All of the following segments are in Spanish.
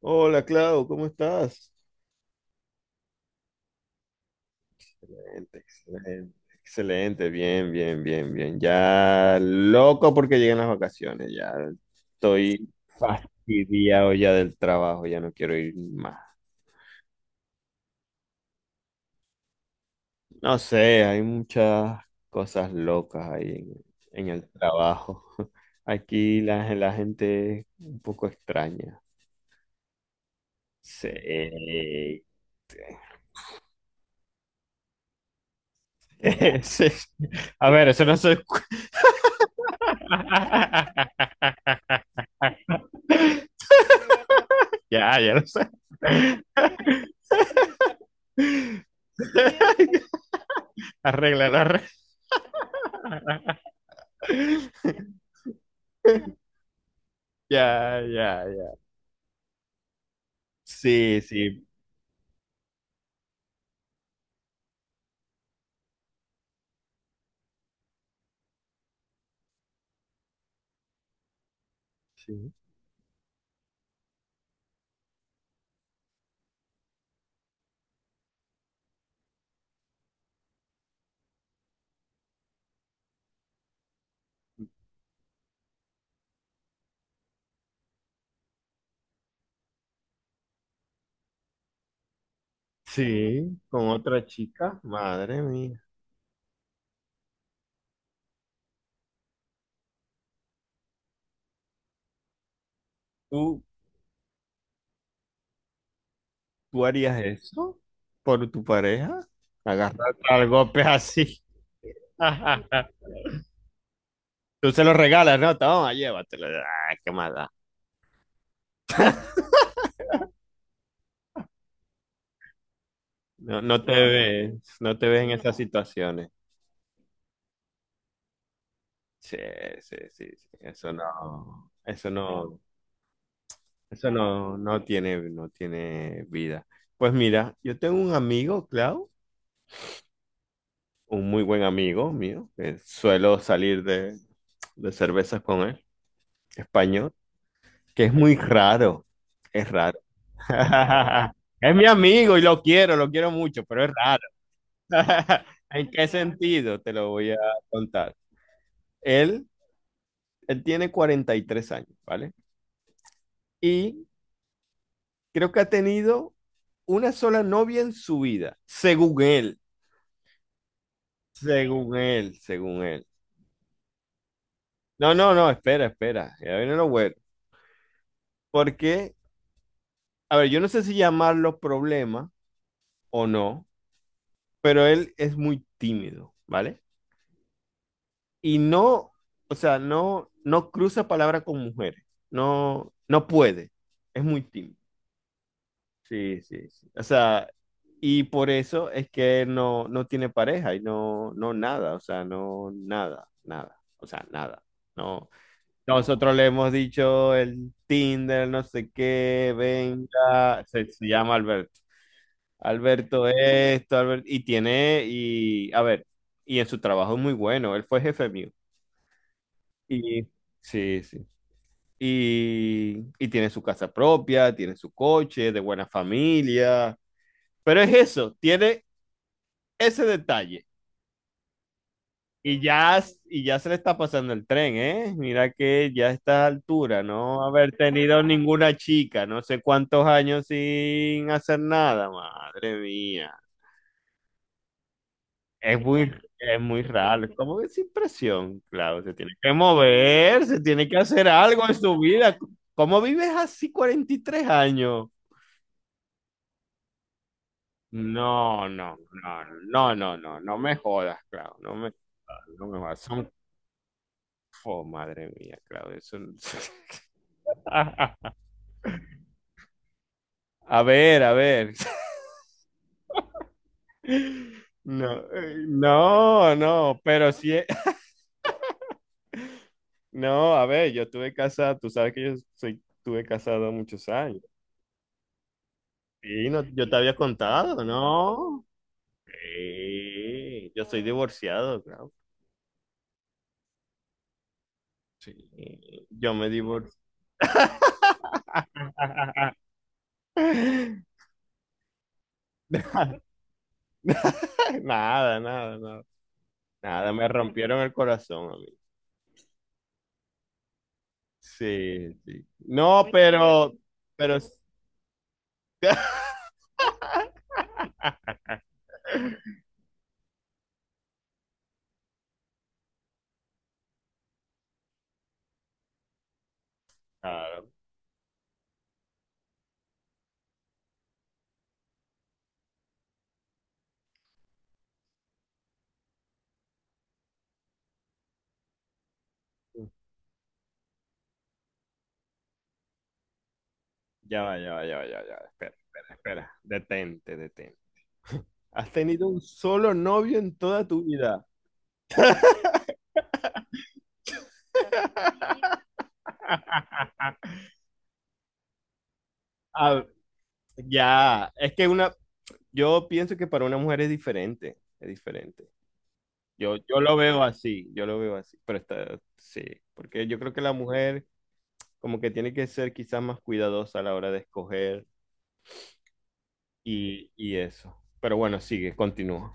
Hola, Clau, ¿cómo estás? Excelente, excelente, excelente, bien, bien, bien, bien. Ya loco porque llegan las vacaciones, ya estoy fastidiado ya del trabajo, ya no quiero ir más. No sé, hay muchas cosas locas ahí en el trabajo. Aquí la gente es un poco extraña. Sí. Sí. A ver, eso no se escucha. Ya, ya lo sé. Arréglalo, arréglalo. Ya, ya, ya. Sí, sí, sí. Sí, con otra chica. Madre mía. ¿Tú, tú harías eso por tu pareja? Agarrar al golpe así. Tú se lo regalas, ¿no? Toma, llévatelo. Ah, qué maldad. No, no te ves, no te ves en esas situaciones. Sí, sí, sí, sí. Eso no, eso no. Eso no, no tiene, no tiene vida. Pues mira, yo tengo un amigo, Clau, un muy buen amigo mío, que suelo salir de cervezas con él, español, que es muy raro, es raro. Es mi amigo y lo quiero mucho, pero es raro. ¿En qué sentido? Te lo voy a contar. Él, él tiene 43 años, ¿vale? Y creo que ha tenido una sola novia en su vida, según él. Según él, según él. No, no, no, espera, espera. Ya viene lo bueno. Porque, a ver, yo no sé si llamarlo problema o no, pero él es muy tímido, ¿vale? Y no, o sea, no, no cruza palabra con mujeres. No, no puede. Es muy tímido. Sí, sí, sí. O sea, y por eso es que él no, no tiene pareja y no, no nada, o sea, no nada, nada, o sea, nada. No, nosotros le hemos dicho el Tinder, no sé qué, venga, se llama Alberto. Alberto esto, Alberto, y tiene, y a ver, y en su trabajo es muy bueno, él fue jefe mío. Y sí, sí. Y tiene su casa propia, tiene su coche, de buena familia, pero es eso, tiene ese detalle. Y ya se le está pasando el tren, ¿eh? Mira que ya a esta altura, no haber tenido ninguna chica, no sé cuántos años sin hacer nada, madre mía. Es muy, es muy raro, es como que sin presión, claro, se tiene que mover, se tiene que hacer algo en su vida. ¿Cómo vives así 43 años? No, no, no, no, no, no, no me jodas, claro, no me, no me jodas. Oh, madre mía, claro, eso. A ver, a ver. No, no, no, pero sí, no, a ver, yo estuve casado, tú sabes que yo soy, estuve casado muchos años. Sí, no, yo te había contado, ¿no? Sí, yo soy divorciado, claro. Sí. Sí, yo me divorcié. Nada, nada, nada. Nada, me rompieron el corazón a mí. Sí, sí. No, pero, Claro. Ya va, ya va, ya va, ya va, ya va. Espera, espera, espera. Detente, detente. Has tenido un solo novio en toda tu vida. Ah, ya, es que una, yo pienso que para una mujer es diferente, es diferente. Yo lo veo así, yo lo veo así, pero está, sí, porque yo creo que la mujer como que tiene que ser quizás más cuidadosa a la hora de escoger y eso. Pero bueno, sigue, continúa.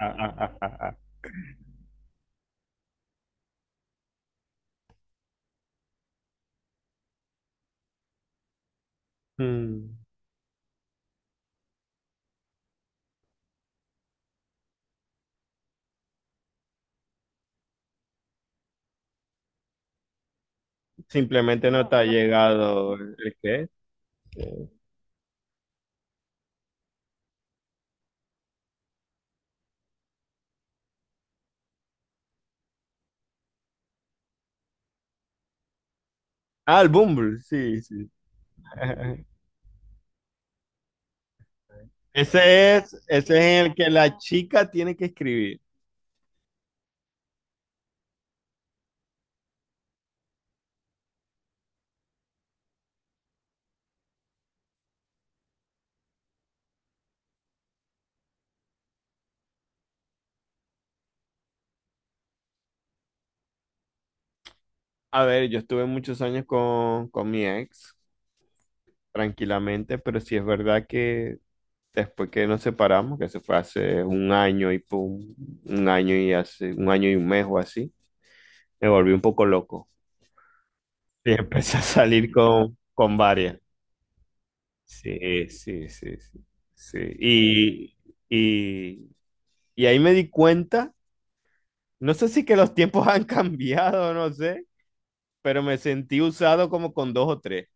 Mm. Simplemente no te ha llegado el qué. Ah, el Bumble, sí, sí. Ese es en el que la chica tiene que escribir. A ver, yo estuve muchos años con mi ex, tranquilamente, pero sí es verdad que después que nos separamos, que se fue hace un año y pum, un año y hace, un año y un mes o así, me volví un poco loco. Y empecé a salir con varias. Sí, sí, sí, sí, sí. Y, y ahí me di cuenta, no sé si que los tiempos han cambiado, no sé, pero me sentí usado como con dos o tres,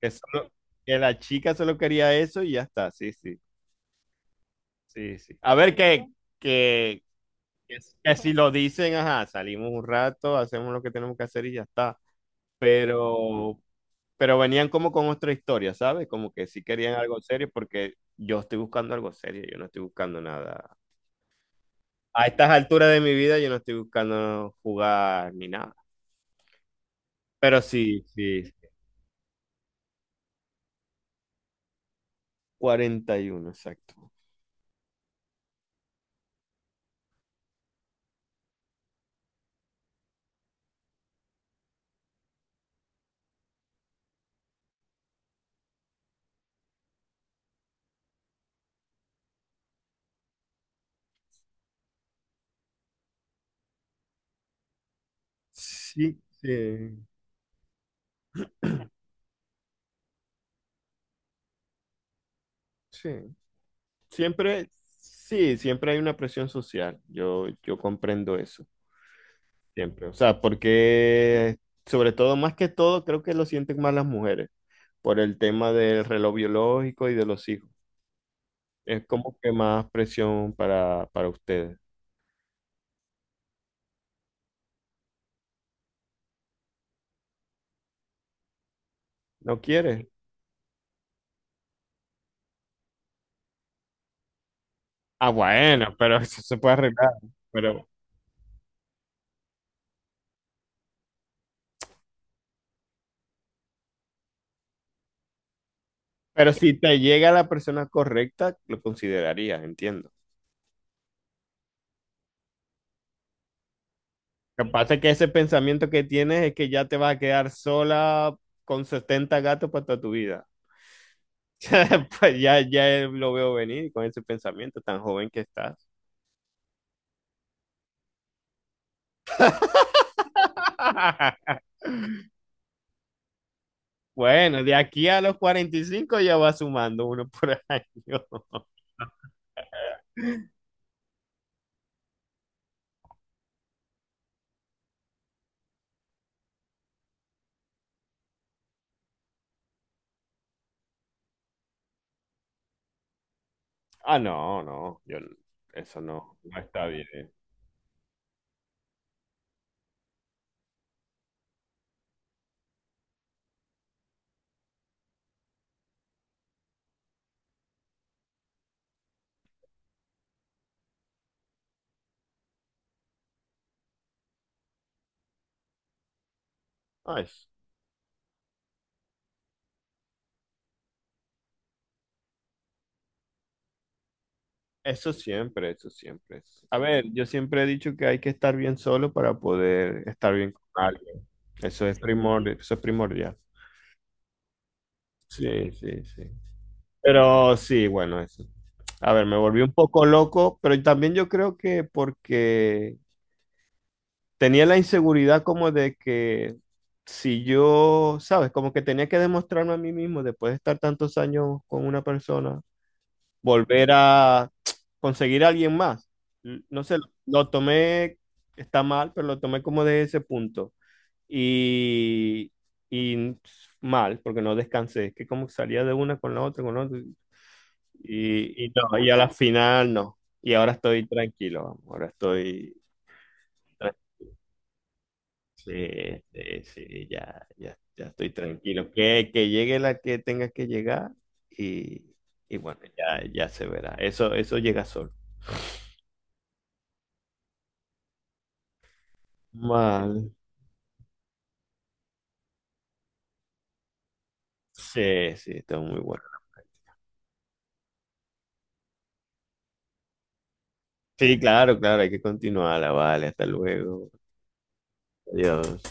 que, solo- que la chica solo quería eso y ya está, sí, sí, sí, sí. A ver que, que, que si lo dicen, ajá, salimos un rato, hacemos lo que tenemos que hacer y ya está, pero, pero, venían como con otra historia, ¿sabes? Como que sí querían algo serio porque. Yo estoy buscando algo serio, yo no estoy buscando nada. A estas alturas de mi vida yo no estoy buscando jugar ni nada. Pero sí, sí. 41, exacto. Sí, sí, sí. Siempre, sí, siempre hay una presión social. Yo comprendo eso, siempre. O sea, porque sobre todo, más que todo, creo que lo sienten más las mujeres por el tema del reloj biológico y de los hijos. Es como que más presión para ustedes. ¿No quieres? Ah, bueno, pero eso se puede arreglar. Pero Pero si te llega la persona correcta, lo considerarías, entiendo. Lo que pasa es que ese pensamiento que tienes es que ya te vas a quedar sola con 70 gatos para toda tu vida. Pues ya, ya lo veo venir con ese pensamiento tan joven que estás. Bueno, de aquí a los 45 ya va sumando uno por año. Ah, no, no, yo, eso no, no está bien. Ay, eso siempre, eso siempre. A ver, yo siempre he dicho que hay que estar bien solo para poder estar bien con alguien. Eso es primordial, eso es primordial. Sí, sí, sí. Pero sí, bueno, eso. A ver, me volví un poco loco, pero también yo creo que porque tenía la inseguridad como de que si yo, ¿sabes? Como que tenía que demostrarme a mí mismo después de estar tantos años con una persona volver a conseguir a alguien más. No sé, lo tomé, está mal, pero lo tomé como de ese punto. Y, y mal, porque no descansé. Es que como salía de una con la otra, con la otra. Y no, y a la final no. Y ahora estoy tranquilo, vamos, ahora estoy. tra- Sí, sí, sí, ya, ya, ya estoy tranquilo. Que llegue la que tenga que llegar y, y bueno, ya, ya se verá. Eso llega solo. Mal. Sí, sí, está muy bueno. Sí, claro, claro, hay que continuarla, vale, hasta luego. Adiós.